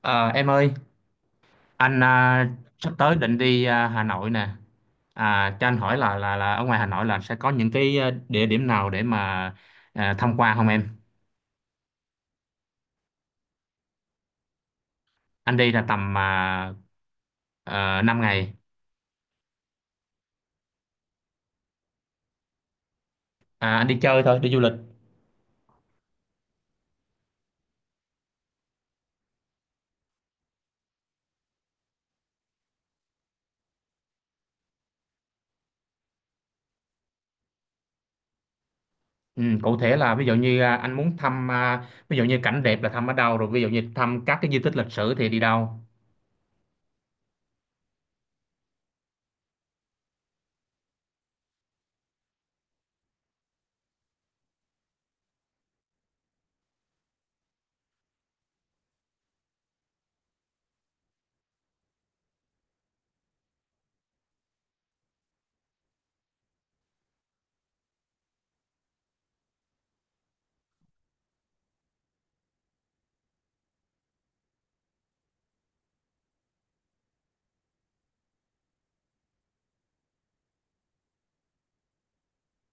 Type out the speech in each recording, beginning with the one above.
Ờ, em ơi, anh à, sắp tới định đi Hà Nội nè. À, cho anh hỏi là ở ngoài Hà Nội là sẽ có những cái địa điểm nào để mà tham quan không em? Anh đi là tầm 5 ngày. À, anh đi chơi thôi, đi du lịch. Ừ, cụ thể là ví dụ như anh muốn thăm ví dụ như cảnh đẹp là thăm ở đâu, rồi ví dụ như thăm các cái di tích lịch sử thì đi đâu?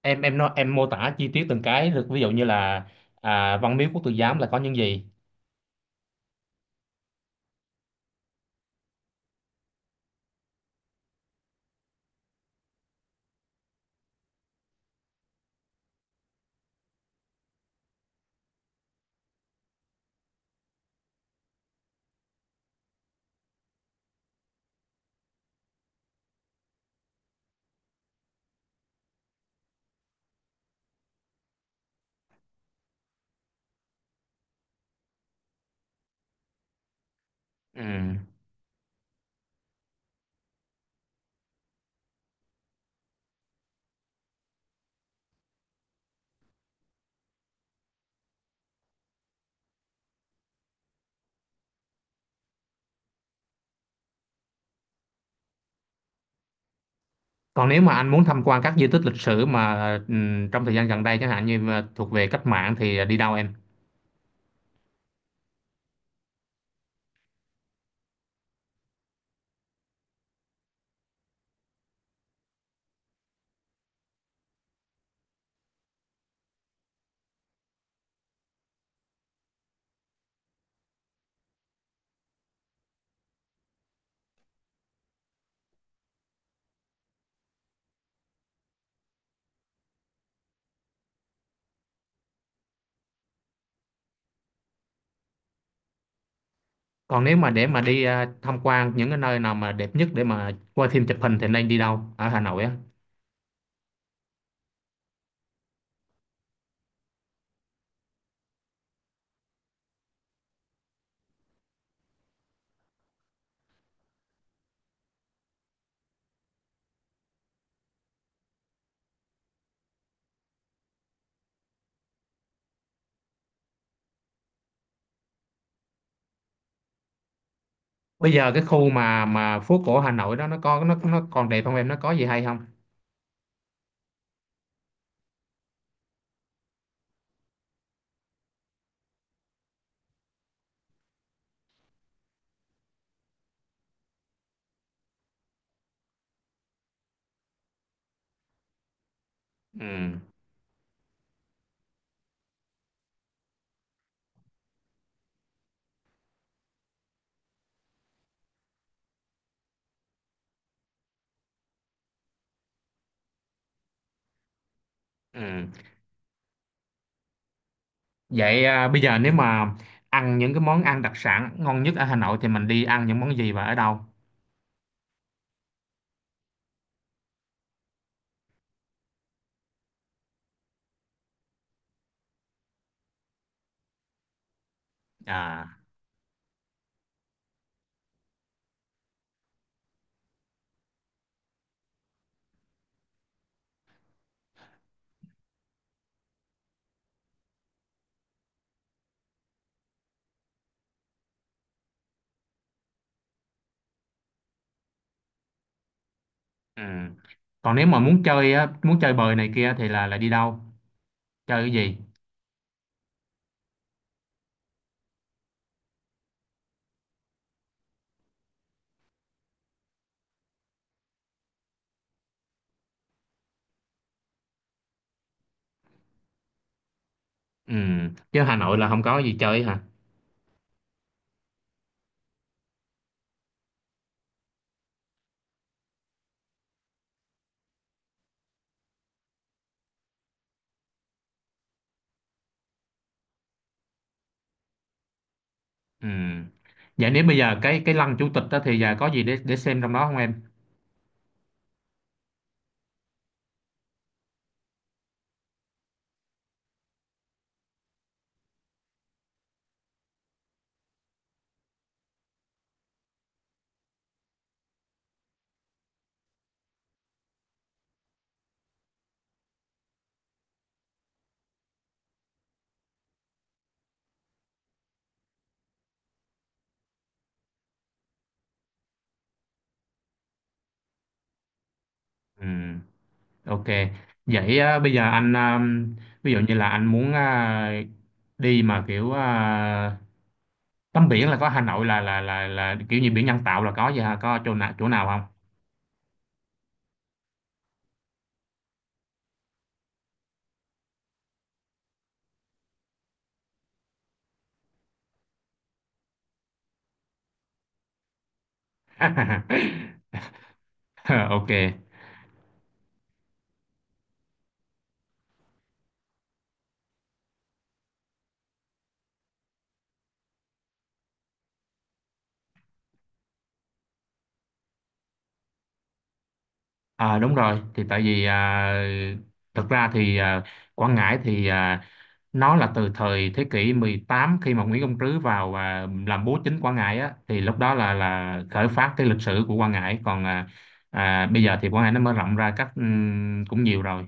Em nói, em mô tả chi tiết từng cái được, ví dụ như là Văn Miếu Quốc Tử Giám là có những gì? Ừ. Còn nếu mà anh muốn tham quan các di tích lịch sử mà trong thời gian gần đây, chẳng hạn như mà thuộc về cách mạng thì đi đâu em? Còn nếu mà để mà đi tham quan những cái nơi nào mà đẹp nhất để mà quay phim chụp hình thì nên đi đâu ở Hà Nội á? Bây giờ cái khu mà phố cổ Hà Nội đó, nó có nó còn đẹp không em? Nó có gì hay không? Ừ. Ừ. Bây giờ nếu mà ăn những cái món ăn đặc sản ngon nhất ở Hà Nội thì mình đi ăn những món gì và ở đâu? À. Ừ. Còn nếu mà muốn chơi á, muốn chơi bời này kia thì là đi đâu? Chơi cái gì? Ừ. Chứ Hà Nội là không có gì chơi hả? Ừ. Vậy nếu bây giờ cái lăng chủ tịch đó thì giờ có gì để xem trong đó không em? Ừ. Ok. Bây giờ anh à, ví dụ như là anh muốn đi mà kiểu tắm biển, là có Hà Nội là kiểu như biển nhân tạo là có gì hả? Có chỗ nào không? Ok. À, đúng rồi. Thì tại vì thật ra thì Quảng Ngãi thì nó là từ thời thế kỷ 18, khi mà Nguyễn Công Trứ vào và làm bố chính Quảng Ngãi á, thì lúc đó là khởi phát cái lịch sử của Quảng Ngãi. Còn bây giờ thì Quảng Ngãi nó mở rộng ra cách cũng nhiều rồi.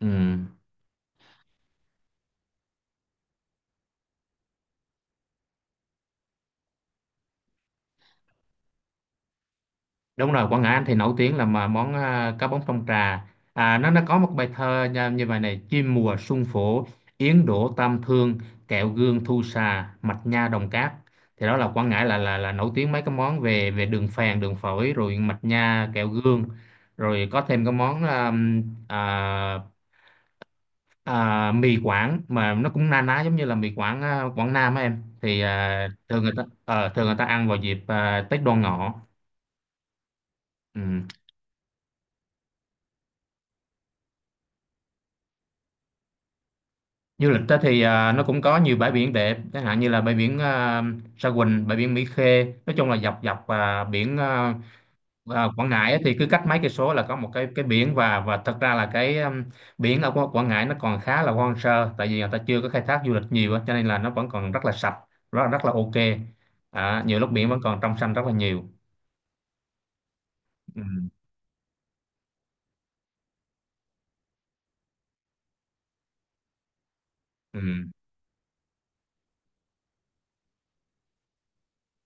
Ừ. Đúng rồi, Quảng Ngãi anh thì nổi tiếng là mà món cá bóng trong trà. À, nó có một bài thơ nha, như vậy này: chim mùa xuân phổ, yến đổ tam thương, kẹo gương thu xà, mạch nha đồng cát. Thì đó là Quảng Ngãi là nổi tiếng mấy cái món về về đường phèn, đường phổi, rồi mạch nha, kẹo gương. Rồi có thêm cái món à, mì Quảng, mà nó cũng na ná giống như là mì Quảng Quảng Nam á em, thì thường người ta, thường người ta ăn vào dịp Tết Đoan Ngọ. Ừ. Du lịch đó thì nó cũng có nhiều bãi biển đẹp, chẳng hạn như là bãi biển Sa Huỳnh, bãi biển Mỹ Khê. Nói chung là dọc dọc biển Quảng Ngãi ấy, thì cứ cách mấy cây số là có một cái biển. Và thật ra là cái biển ở Quảng Quảng Ngãi nó còn khá là hoang sơ, tại vì người ta chưa có khai thác du lịch nhiều á, cho nên là nó vẫn còn rất là sạch, rất rất là ok. À, nhiều lúc biển vẫn còn trong xanh rất là nhiều. Ừ, ừ,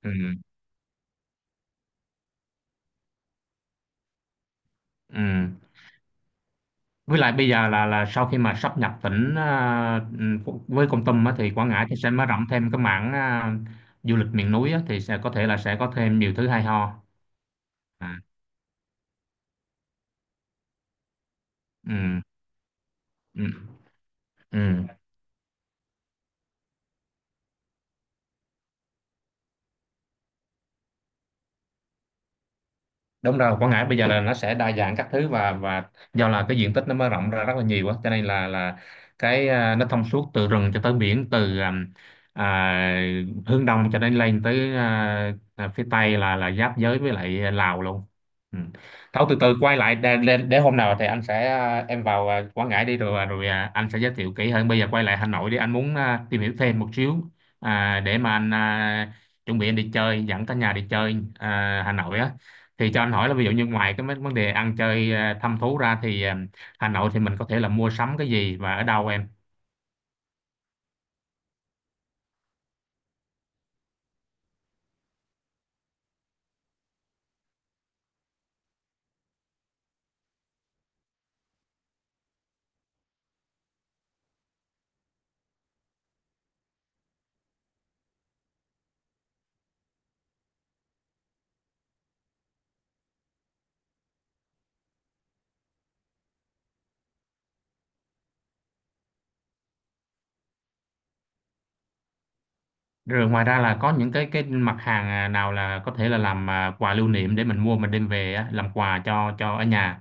ừ, ừ. Với lại bây giờ là sau khi mà sáp nhập tỉnh với Kon Tum á, thì Quảng Ngãi thì sẽ mở rộng thêm cái mảng du lịch miền núi á, thì sẽ có thể là sẽ có thêm nhiều thứ hay ho. À, ừ, ừ, ừ. Đúng rồi, Quảng Ngãi bây giờ là nó sẽ đa dạng các thứ, và do là cái diện tích nó mở rộng ra rất là nhiều á, cho nên là cái nó thông suốt từ rừng cho tới biển, từ à, hướng đông cho đến lên tới phía tây là giáp giới với lại Lào luôn. Ừ. Thôi từ từ quay lại để hôm nào thì anh sẽ em vào Quảng Ngãi đi rồi rồi anh sẽ giới thiệu kỹ hơn. Bây giờ quay lại Hà Nội đi, anh muốn tìm hiểu thêm một xíu để mà anh chuẩn bị anh đi chơi, dẫn cả nhà đi chơi Hà Nội á, thì cho anh hỏi là ví dụ như ngoài cái mấy vấn đề ăn chơi thăm thú ra thì Hà Nội thì mình có thể là mua sắm cái gì và ở đâu em? Rồi ngoài ra là có những cái mặt hàng nào là có thể là làm quà lưu niệm để mình mua mình đem về á, làm quà cho ở nhà.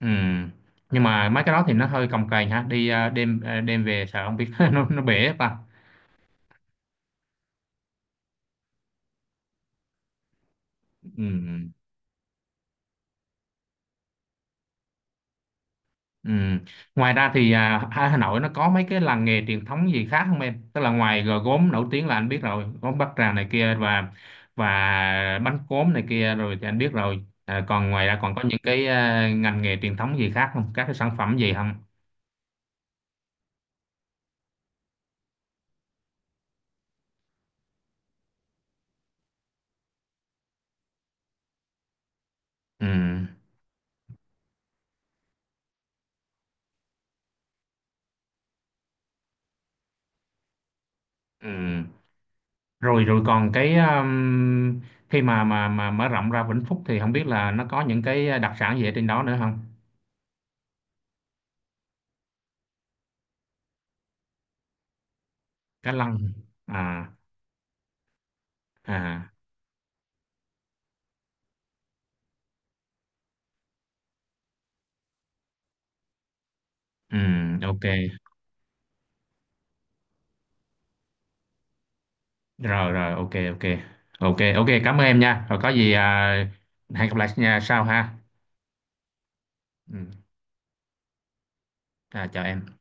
Ừ. Nhưng mà mấy cái đó thì nó hơi cồng kềnh ha, đi đem đem về sợ không biết nó bể ta. Ừ. Ừ. Ngoài ra thì Hà Hà Nội nó có mấy cái làng nghề truyền thống gì khác không em? Tức là ngoài gò gốm nổi tiếng là anh biết rồi, gốm Bát Tràng này kia, và bánh cốm này kia rồi thì anh biết rồi. À, còn ngoài ra còn có những cái ngành nghề truyền thống gì khác không? Các cái sản phẩm gì không? Ừ. Ừ. Rồi rồi còn cái khi mà mà mở rộng ra Vĩnh Phúc thì không biết là nó có những cái đặc sản gì ở trên đó nữa không? Cá lăng. À à. Ừ, ok. Rồi rồi, ok ok, ok ok, cảm ơn em nha. Rồi có gì hẹn gặp lại nha sau ha. Ừ. À, chào em.